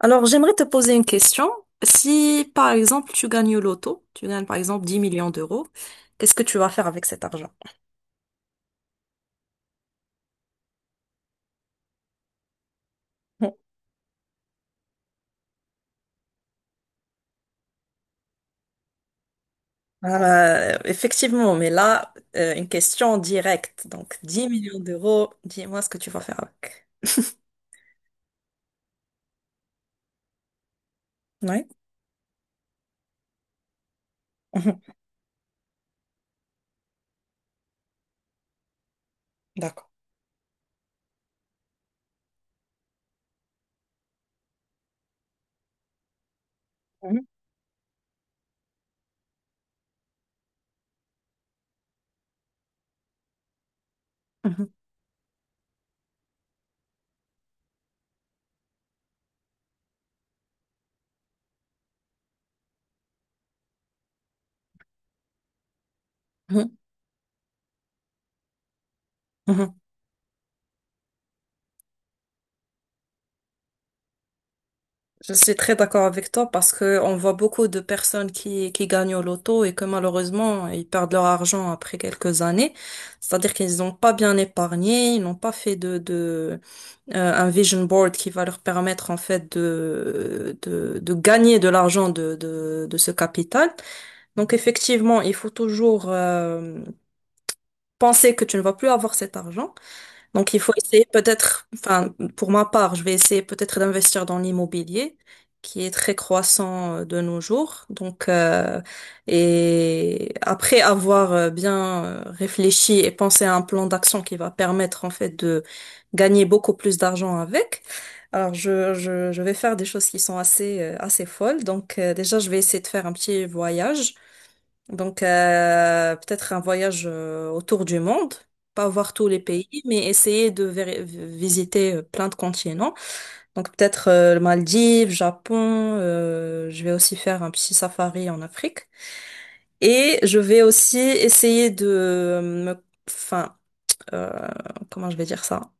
Alors, j'aimerais te poser une question. Si, par exemple, tu gagnes au loto, tu gagnes, par exemple, 10 millions d'euros, qu'est-ce que tu vas faire avec cet argent? Effectivement, mais là, une question directe. Donc, 10 millions d'euros, dis-moi ce que tu vas faire avec. Oui. Mhm. D'accord. Mhm. Mhm. Mhm. Je suis très d'accord avec toi parce que on voit beaucoup de personnes qui gagnent au loto et que malheureusement, ils perdent leur argent après quelques années. C'est-à-dire qu'ils n'ont pas bien épargné, ils n'ont pas fait un vision board qui va leur permettre, en fait, de gagner de l'argent de ce capital. Donc, effectivement, il faut toujours, penser que tu ne vas plus avoir cet argent. Donc, il faut essayer peut-être, enfin, pour ma part, je vais essayer peut-être d'investir dans l'immobilier, qui est très croissant de nos jours. Donc, et après avoir bien réfléchi et pensé à un plan d'action qui va permettre, en fait, de gagner beaucoup plus d'argent avec, alors je vais faire des choses qui sont assez folles. Donc, déjà, je vais essayer de faire un petit voyage. Donc, peut-être un voyage autour du monde, pas voir tous les pays, mais essayer de visiter plein de continents. Donc, peut-être le Maldives, Japon, je vais aussi faire un petit safari en Afrique. Et je vais aussi essayer de euh, comment je vais dire ça?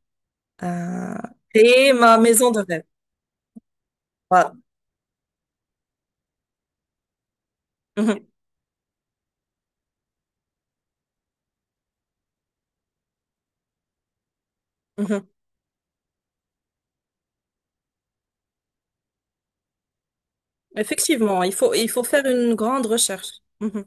Euh, Créer ma maison de rêve. Voilà. Mhm, mhm. Effectivement, il faut faire une grande recherche. Mhm.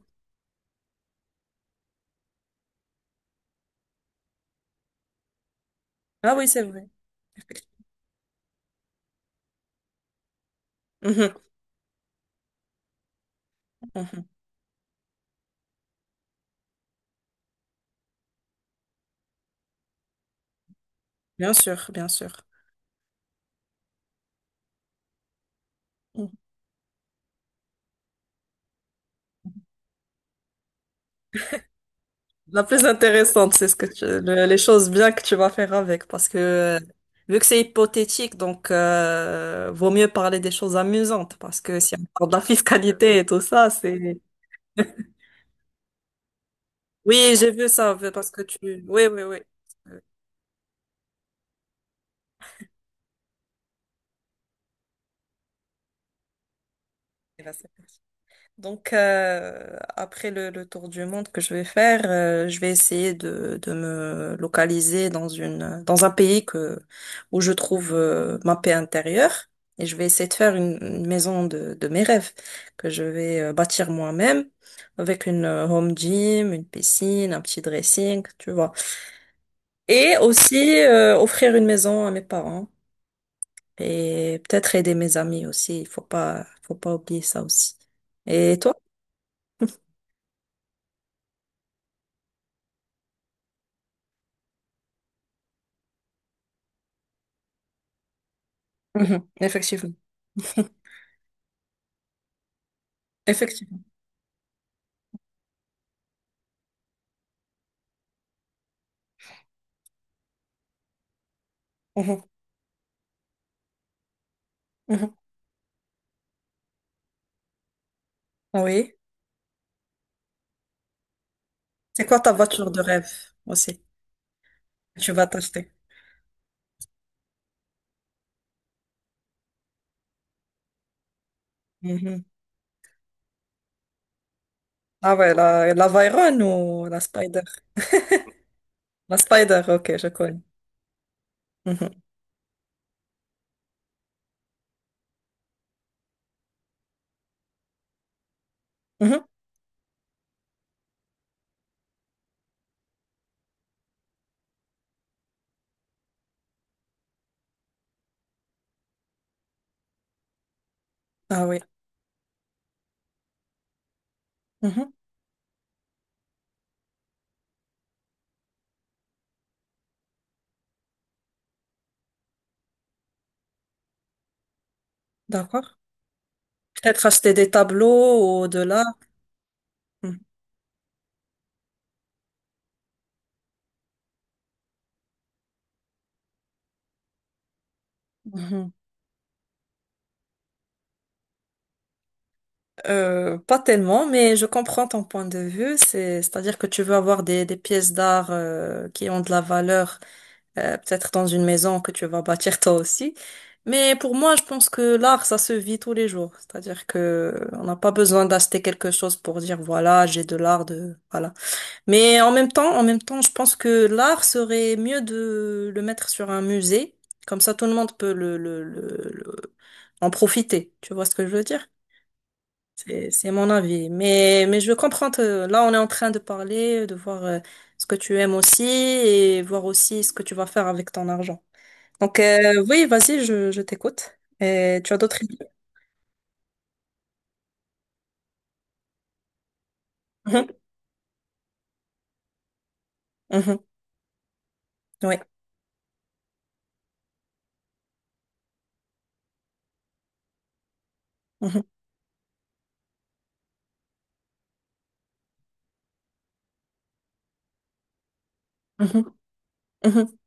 Ah oui, c'est vrai. Effectivement. Mhm, mhm. Bien sûr, bien sûr. Mm. La plus intéressante, c'est ce que les choses bien que tu vas faire avec, parce que vu que c'est hypothétique, donc vaut mieux parler des choses amusantes, parce que si on parle de la fiscalité et tout ça, c'est. Oui, j'ai vu ça, parce que tu. Oui, oui, oui. Euh, Donc, après le tour du monde que je vais faire, je vais essayer de me localiser dans un pays où je trouve ma paix intérieure. Et je vais essayer de faire une maison de mes rêves que je vais bâtir moi-même avec une home gym, une piscine, un petit dressing, tu vois. Et aussi offrir une maison à mes parents et peut-être aider mes amis aussi. Il faut pas, Faut pas oublier ça aussi. Et toi? Mhm, effectivement. Effectivement. Mhm, mhm. Oui. C'est quoi ta voiture de rêve aussi tu vas t'acheter? Mhm. Ah ouais, la Veyron ou la Spider? La Spider, ok, je connais. Mhm, mhm. Ah oui. Mhm, d'accord. Peut-être acheter des tableaux ou de l'art. Mhm, mhm. Pas tellement, mais je comprends ton point de vue. C'est-à-dire que tu veux avoir des pièces d'art qui ont de la valeur, peut-être dans une maison que tu vas bâtir toi aussi. Mais pour moi, je pense que l'art, ça se vit tous les jours. C'est-à-dire que on n'a pas besoin d'acheter quelque chose pour dire voilà, j'ai de l'art de voilà. Mais en même temps, je pense que l'art serait mieux de le mettre sur un musée. Comme ça, tout le monde peut en profiter. Tu vois ce que je veux dire? C'est mon avis. Mais je comprends. Là, on est en train de parler, de voir ce que tu aimes aussi et voir aussi ce que tu vas faire avec ton argent. Donc, oui, vas-y, je t'écoute. Et tu as d'autres idées? Mhm, mhm, oui. Mhm, mhm, mhm.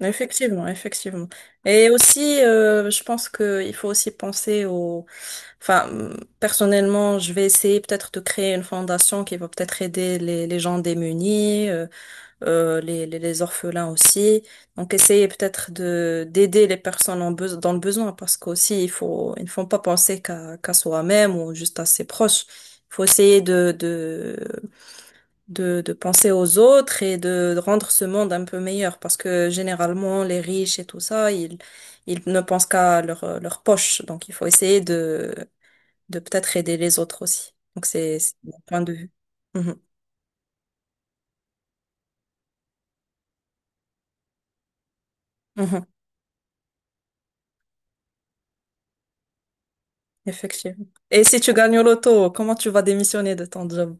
Effectivement, effectivement. Et aussi, je pense que il faut aussi penser au... Enfin, personnellement, je vais essayer peut-être de créer une fondation qui va peut-être aider les gens démunis. Les, les orphelins aussi. Donc essayez peut-être de d'aider les personnes dans le besoin parce qu'aussi il faut ils ne font pas penser qu'à soi-même ou juste à ses proches. Il faut essayer de penser aux autres et de rendre ce monde un peu meilleur parce que généralement les riches et tout ça, ils ne pensent qu'à leur poche. Donc il faut essayer de peut-être aider les autres aussi. Donc c'est mon point de vue. Mhm. Mhm. Effectivement. Et si tu gagnes au loto, comment tu vas démissionner de ton job?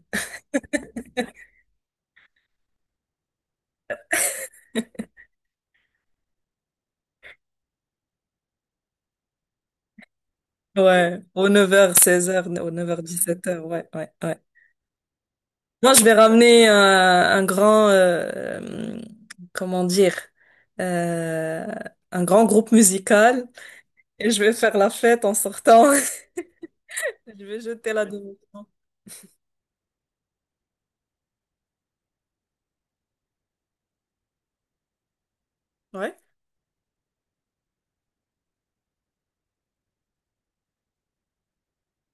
Ouais, aux 9h, 16h, aux 9h 17h. Ouais, ouais, ouais. Non, je vais ramener un grand, comment dire, euh, un grand groupe musical et je vais faire la fête en sortant. Je vais jeter la démission. Ouais.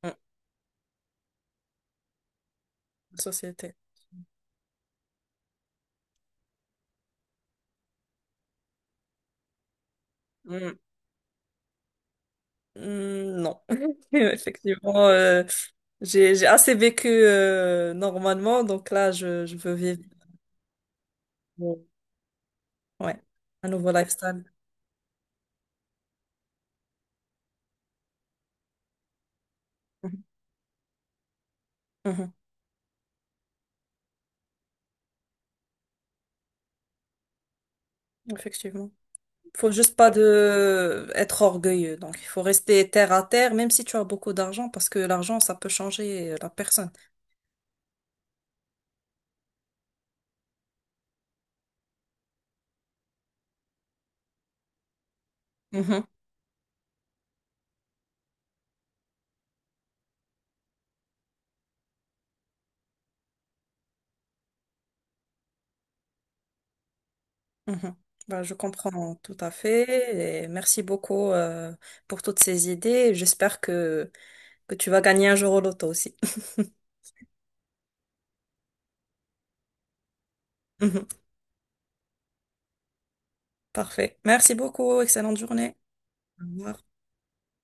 Mm. Société. Mm. Mm, non, effectivement, j'ai assez vécu normalement, donc là, je veux vivre. Ouais, un nouveau lifestyle. Mhm, mhm. Effectivement. Faut juste pas de être orgueilleux. Donc, il faut rester terre à terre, même si tu as beaucoup d'argent, parce que l'argent, ça peut changer la personne. Mhm, mhm. Bah, je comprends tout à fait. Et merci beaucoup, pour toutes ces idées. J'espère que tu vas gagner un jour au loto aussi. Mhm. Parfait. Merci beaucoup. Excellente journée. Au revoir.